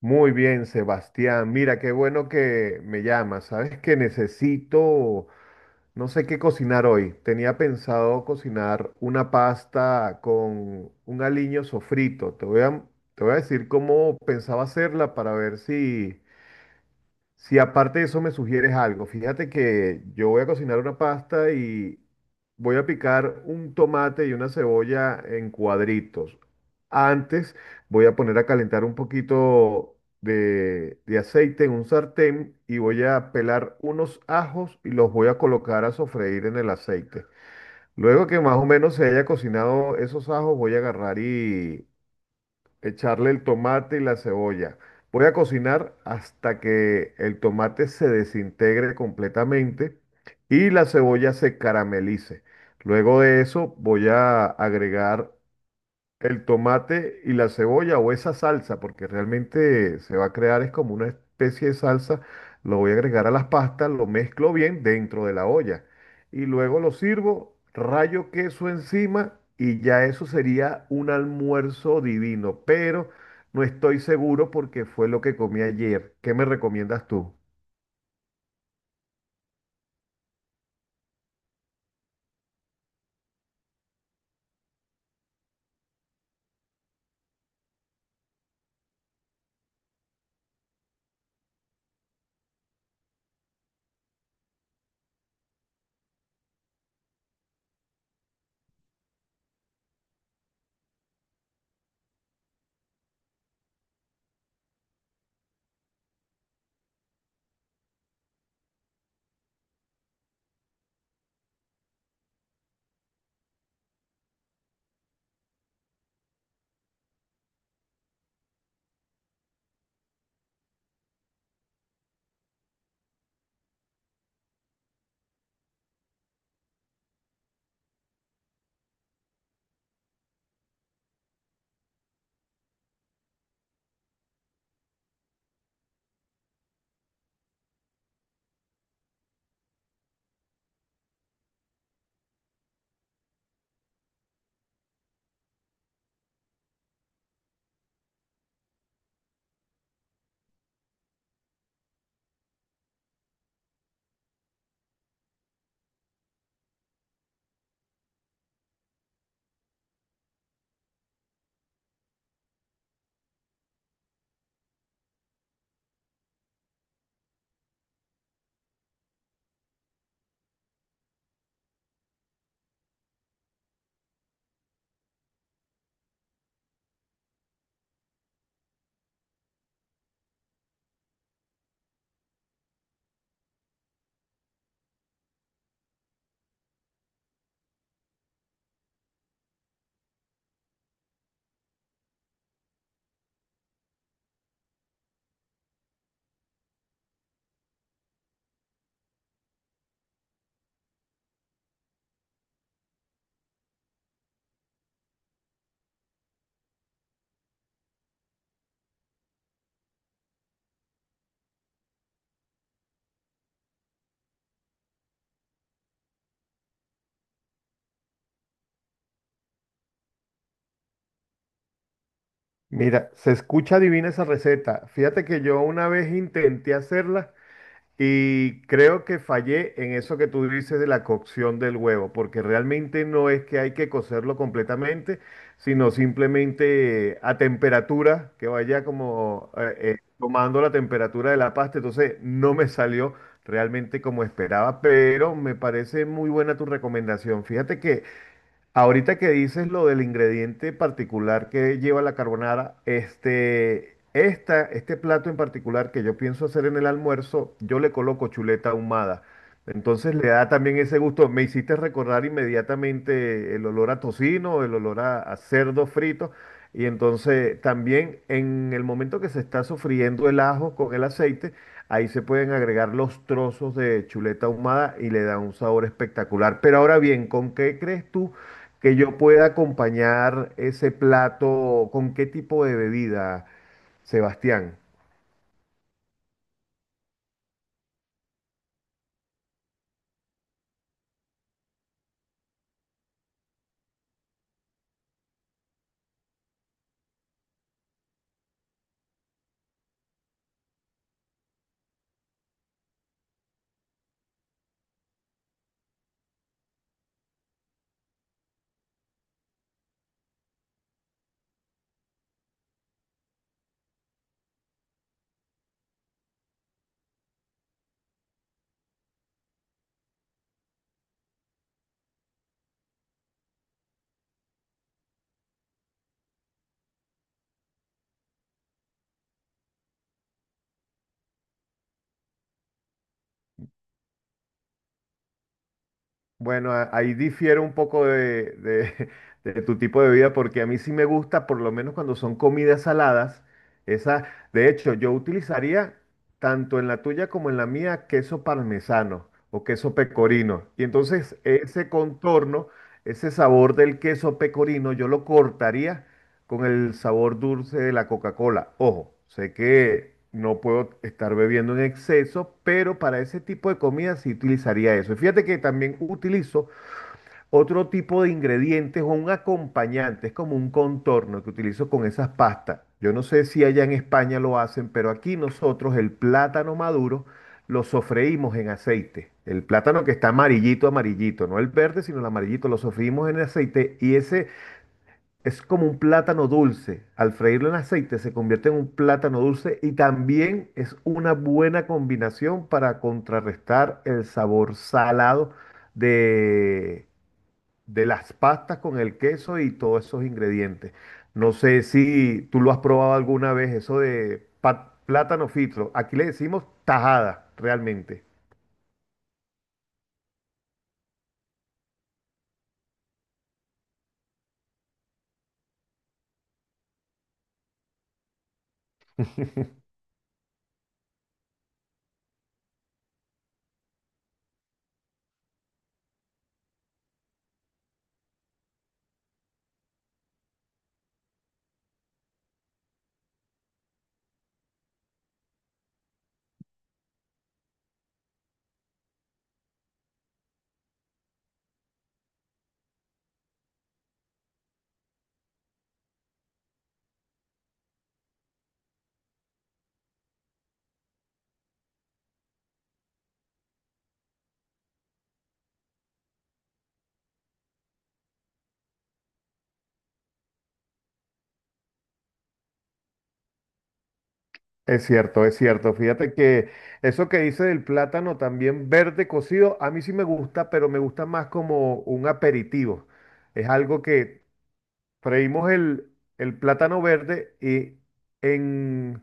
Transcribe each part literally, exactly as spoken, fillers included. Muy bien, Sebastián. Mira, qué bueno que me llamas. Sabes que necesito, no sé qué cocinar hoy. Tenía pensado cocinar una pasta con un aliño sofrito. Te voy a, te voy a decir cómo pensaba hacerla para ver si, si aparte de eso me sugieres algo. Fíjate que yo voy a cocinar una pasta y voy a picar un tomate y una cebolla en cuadritos. Antes voy a poner a calentar un poquito de, de aceite en un sartén y voy a pelar unos ajos y los voy a colocar a sofreír en el aceite. Luego que más o menos se haya cocinado esos ajos, voy a agarrar y echarle el tomate y la cebolla. Voy a cocinar hasta que el tomate se desintegre completamente y la cebolla se caramelice. Luego de eso voy a agregar el tomate y la cebolla o esa salsa, porque realmente se va a crear es como una especie de salsa, lo voy a agregar a las pastas, lo mezclo bien dentro de la olla y luego lo sirvo, rayo queso encima y ya eso sería un almuerzo divino, pero no estoy seguro porque fue lo que comí ayer. ¿Qué me recomiendas tú? Mira, se escucha divina esa receta. Fíjate que yo una vez intenté hacerla, y creo que fallé en eso que tú dices de la cocción del huevo, porque realmente no es que hay que cocerlo completamente, sino simplemente a temperatura, que vaya como eh, eh, tomando la temperatura de la pasta. Entonces no me salió realmente como esperaba, pero me parece muy buena tu recomendación. Fíjate que ahorita que dices lo del ingrediente particular que lleva la carbonara, este, esta, este plato en particular que yo pienso hacer en el almuerzo, yo le coloco chuleta ahumada. Entonces le da también ese gusto. Me hiciste recordar inmediatamente el olor a tocino, el olor a, a cerdo frito, y entonces también en el momento que se está sofriendo el ajo con el aceite, ahí se pueden agregar los trozos de chuleta ahumada y le da un sabor espectacular. Pero ahora bien, ¿con qué crees tú que yo pueda acompañar ese plato? ¿Con qué tipo de bebida, Sebastián? Bueno, a- ahí difiere un poco de, de- de tu tipo de vida, porque a mí sí me gusta, por lo menos cuando son comidas saladas, esa, de hecho, yo utilizaría tanto en la tuya como en la mía queso parmesano o queso pecorino. Y entonces ese contorno, ese sabor del queso pecorino, yo lo cortaría con el sabor dulce de la Coca-Cola. Ojo, sé que no puedo estar bebiendo en exceso, pero para ese tipo de comida sí utilizaría eso. Y fíjate que también utilizo otro tipo de ingredientes o un acompañante, es como un contorno que utilizo con esas pastas. Yo no sé si allá en España lo hacen, pero aquí nosotros el plátano maduro lo sofreímos en aceite. El plátano que está amarillito, amarillito, no el verde, sino el amarillito, lo sofreímos en aceite y ese es como un plátano dulce. Al freírlo en aceite se convierte en un plátano dulce y también es una buena combinación para contrarrestar el sabor salado de, de las pastas con el queso y todos esos ingredientes. No sé si tú lo has probado alguna vez, eso de pa- plátano frito. Aquí le decimos tajada, realmente. Es cierto, es cierto. Fíjate que eso que dice del plátano también verde cocido, a mí sí me gusta, pero me gusta más como un aperitivo. Es algo que freímos el, el plátano verde y en,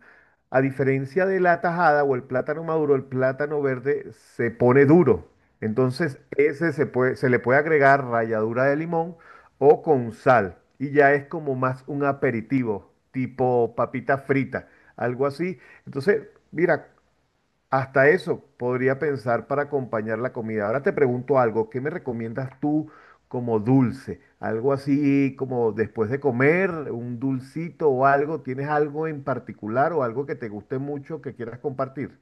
a diferencia de la tajada o el plátano maduro, el plátano verde se pone duro. Entonces, ese se puede, se le puede agregar ralladura de limón o con sal. Y ya es como más un aperitivo, tipo papita frita, algo así. Entonces, mira, hasta eso podría pensar para acompañar la comida. Ahora te pregunto algo, ¿qué me recomiendas tú como dulce? Algo así como después de comer, un dulcito o algo. ¿Tienes algo en particular o algo que te guste mucho que quieras compartir?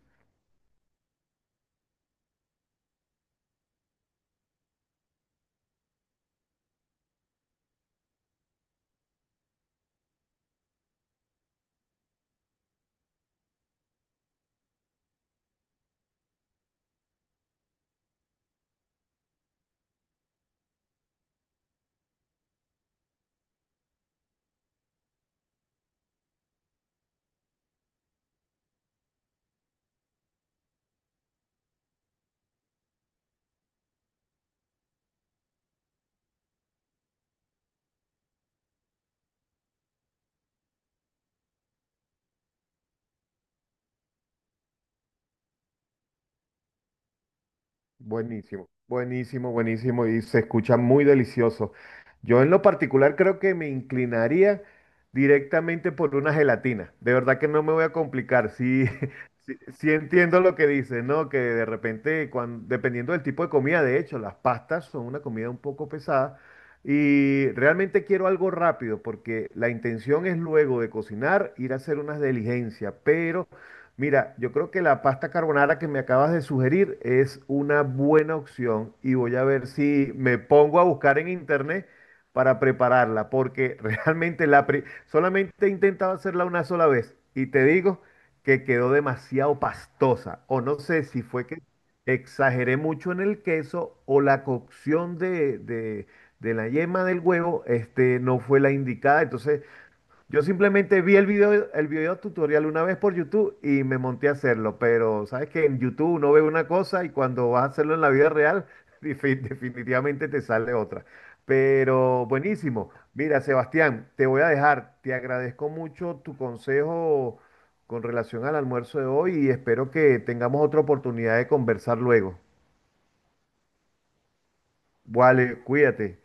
Buenísimo, buenísimo, buenísimo y se escucha muy delicioso. Yo en lo particular creo que me inclinaría directamente por una gelatina. De verdad que no me voy a complicar. Sí, sí, sí, entiendo lo que dices, ¿no? Que de repente, cuan- dependiendo del tipo de comida, de hecho, las pastas son una comida un poco pesada y realmente quiero algo rápido porque la intención es luego de cocinar ir a hacer unas diligencias, pero... Mira, yo creo que la pasta carbonara que me acabas de sugerir es una buena opción y voy a ver si me pongo a buscar en internet para prepararla, porque realmente la pri- solamente he intentado hacerla una sola vez y te digo que quedó demasiado pastosa, o no sé si fue que exageré mucho en el queso o la cocción de, de- de la yema del huevo este, no fue la indicada, entonces... Yo simplemente vi el video, el video tutorial una vez por YouTube y me monté a hacerlo, pero sabes que en YouTube uno ve una cosa y cuando vas a hacerlo en la vida real, defi- definitivamente te sale otra. Pero buenísimo. Mira, Sebastián, te voy a dejar. Te agradezco mucho tu consejo con relación al almuerzo de hoy y espero que tengamos otra oportunidad de conversar luego. Vale, cuídate.